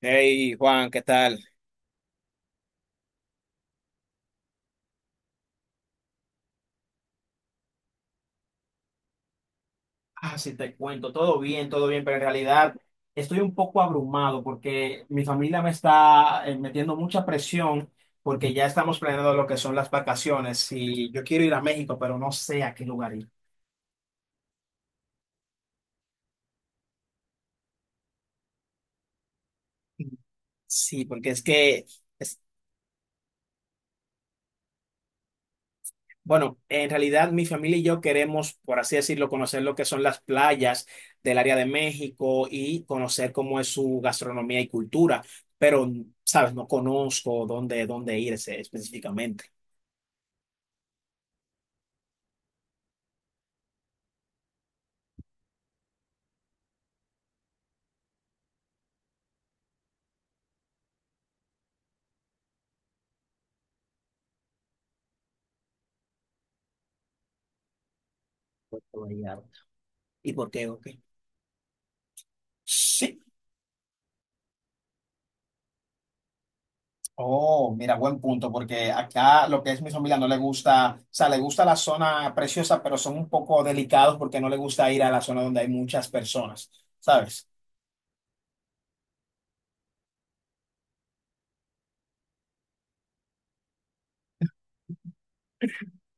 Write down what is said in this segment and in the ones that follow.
Hey Juan, ¿qué tal? Ah, sí, te cuento, todo bien, pero en realidad estoy un poco abrumado porque mi familia me está metiendo mucha presión porque ya estamos planeando lo que son las vacaciones y yo quiero ir a México, pero no sé a qué lugar ir. Sí, porque es que es- bueno, en realidad mi familia y yo queremos, por así decirlo, conocer lo que son las playas del área de México y conocer cómo es su gastronomía y cultura, pero, sabes, no conozco dónde irse específicamente. Puerto Vallarta. ¿Y por qué o qué? Sí. Oh, mira, buen punto, porque acá lo que es mi familia no le gusta, o sea, le gusta la zona preciosa, pero son un poco delicados porque no le gusta ir a la zona donde hay muchas personas, ¿sabes?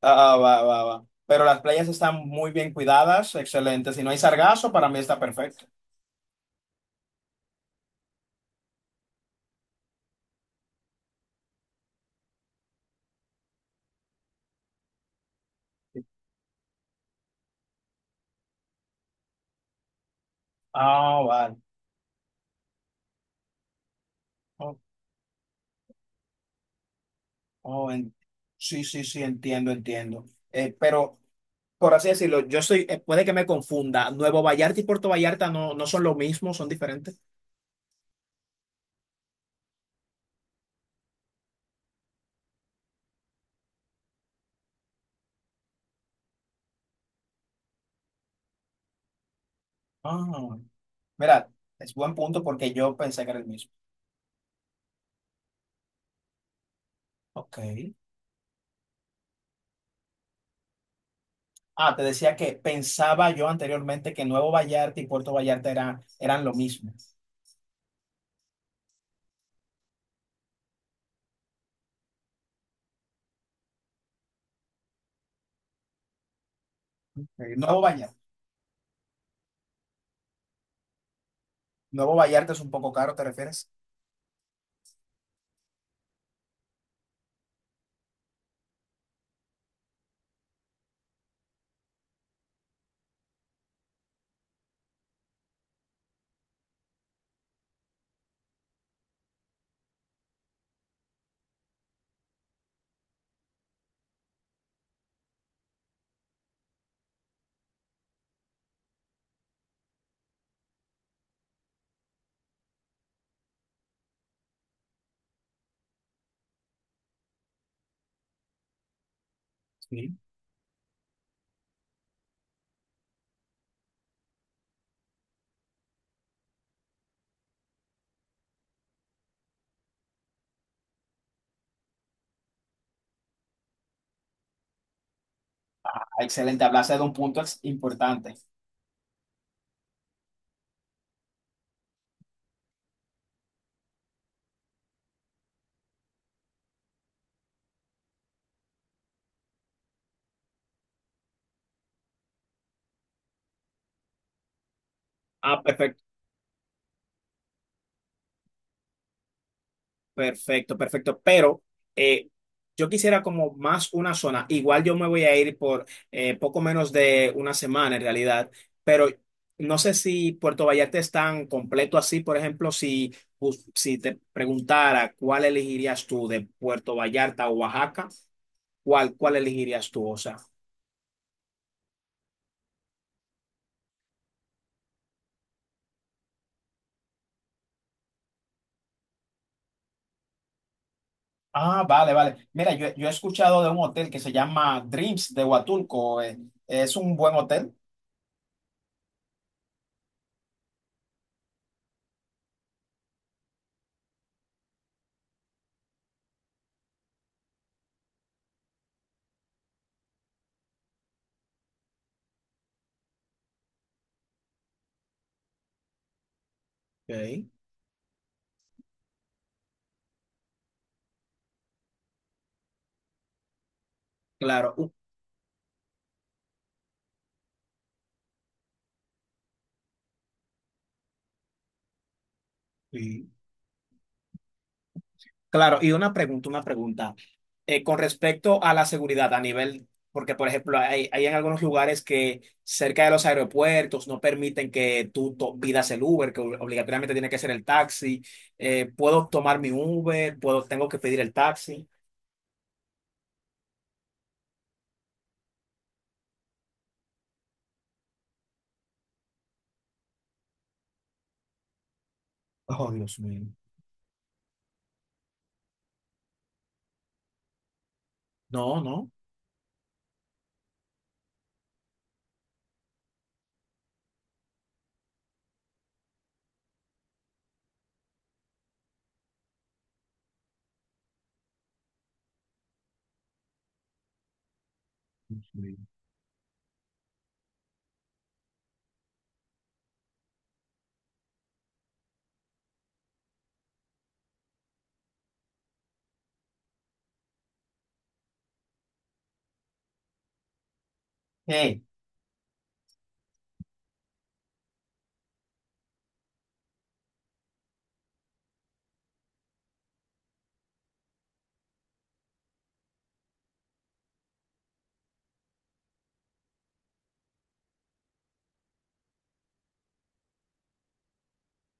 Ah, ah, va, va, va. Pero las playas están muy bien cuidadas, excelente. Si no hay sargazo, para mí está perfecto. Ah, vale. Oh, oh, sí, sí, sí, entiendo, entiendo. Pero, por así decirlo, yo estoy, puede que me confunda. Nuevo Vallarta y Puerto Vallarta no son lo mismo, son diferentes. Ah, mira, es buen punto porque yo pensé que era el mismo. Ok. Ah, te decía que pensaba yo anteriormente que Nuevo Vallarta y Puerto Vallarta eran lo mismo. Ok, Nuevo Vallarta. Nuevo Vallarta es un poco caro, ¿te refieres? Sí. Ah, excelente, hablaste de un punto importante. Ah, perfecto, perfecto, perfecto. Pero eh, yo quisiera como más una zona. Igual yo me voy a ir por poco menos de una semana en realidad, pero no sé si Puerto Vallarta es tan completo así. Por ejemplo, si, si te preguntara cuál elegirías tú de Puerto Vallarta o Oaxaca, ¿cuál elegirías tú? O sea, ah, vale, vale. Mira, yo he escuchado de un hotel que se llama Dreams de Huatulco. ¿Es un buen hotel? Ok, claro, y- claro. Y una pregunta, una pregunta. Con respecto a la seguridad a nivel, porque por ejemplo, hay en algunos lugares que cerca de los aeropuertos no permiten que tú pidas el Uber, que obligatoriamente tiene que ser el taxi. ¿Puedo tomar mi Uber? ¿Puedo, tengo que pedir el taxi? Oh, Dios mío. No, no. Dios mío.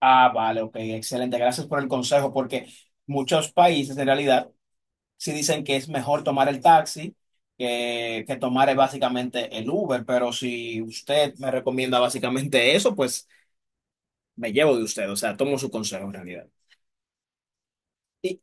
Ah, vale, ok, excelente. Gracias por el consejo, porque muchos países en realidad sí dicen que es mejor tomar el taxi que tomar básicamente el Uber, pero si usted me recomienda básicamente eso, pues me llevo de usted, o sea, tomo su consejo en realidad. Y-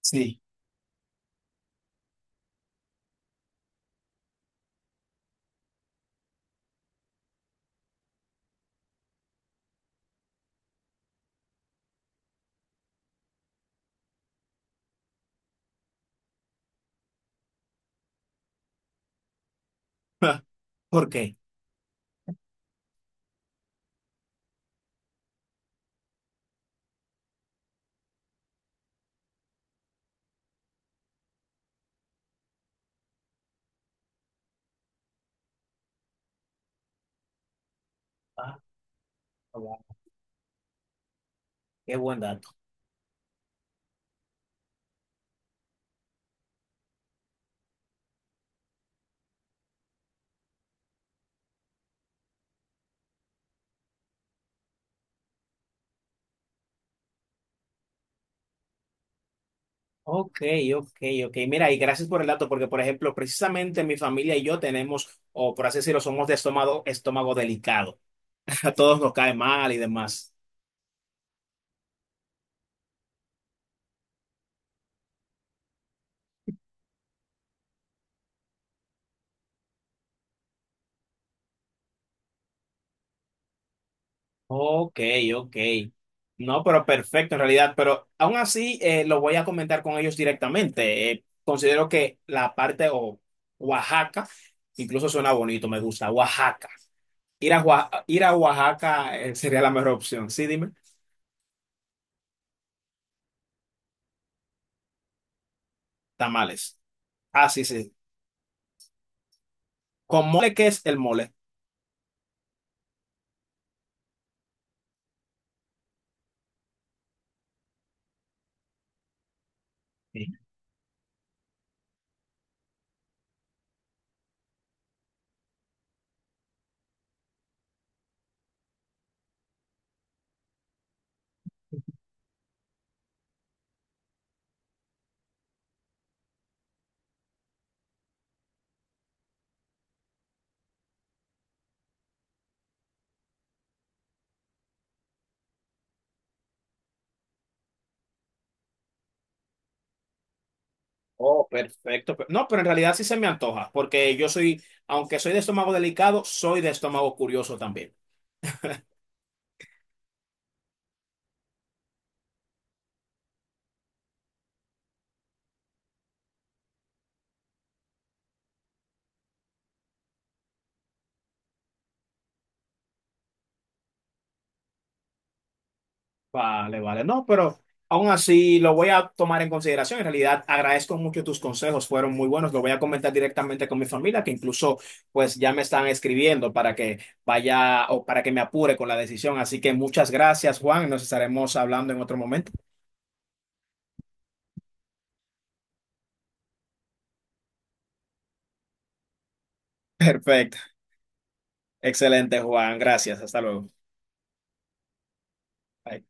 Sí. ¿Por qué? Ah, wow, qué buen dato. Ok, ok, ok. Mira, y gracias por el dato, porque por ejemplo, precisamente mi familia y yo tenemos, o por así decirlo, somos de estómago, estómago delicado. A todos nos cae mal y demás. Ok, ok. No, pero perfecto en realidad, pero aún así lo voy a comentar con ellos directamente. Considero que la parte o Oaxaca, incluso suena bonito, me gusta, Oaxaca. Ir a, ir a Oaxaca sería la mejor opción. Sí, dime, tamales. Ah, sí, sí. ¿Con mole qué es el mole? Sí. Oh, perfecto. No, pero en realidad sí se me antoja, porque yo soy, aunque soy de estómago delicado, soy de estómago curioso también. Vale, vale. No, pero aún así lo voy a tomar en consideración. En realidad, agradezco mucho tus consejos, fueron muy buenos. Lo voy a comentar directamente con mi familia, que incluso pues ya me están escribiendo para que vaya o para que me apure con la decisión. Así que muchas gracias, Juan. Nos estaremos hablando en otro momento. Perfecto. Excelente, Juan. Gracias. Hasta luego. Bye.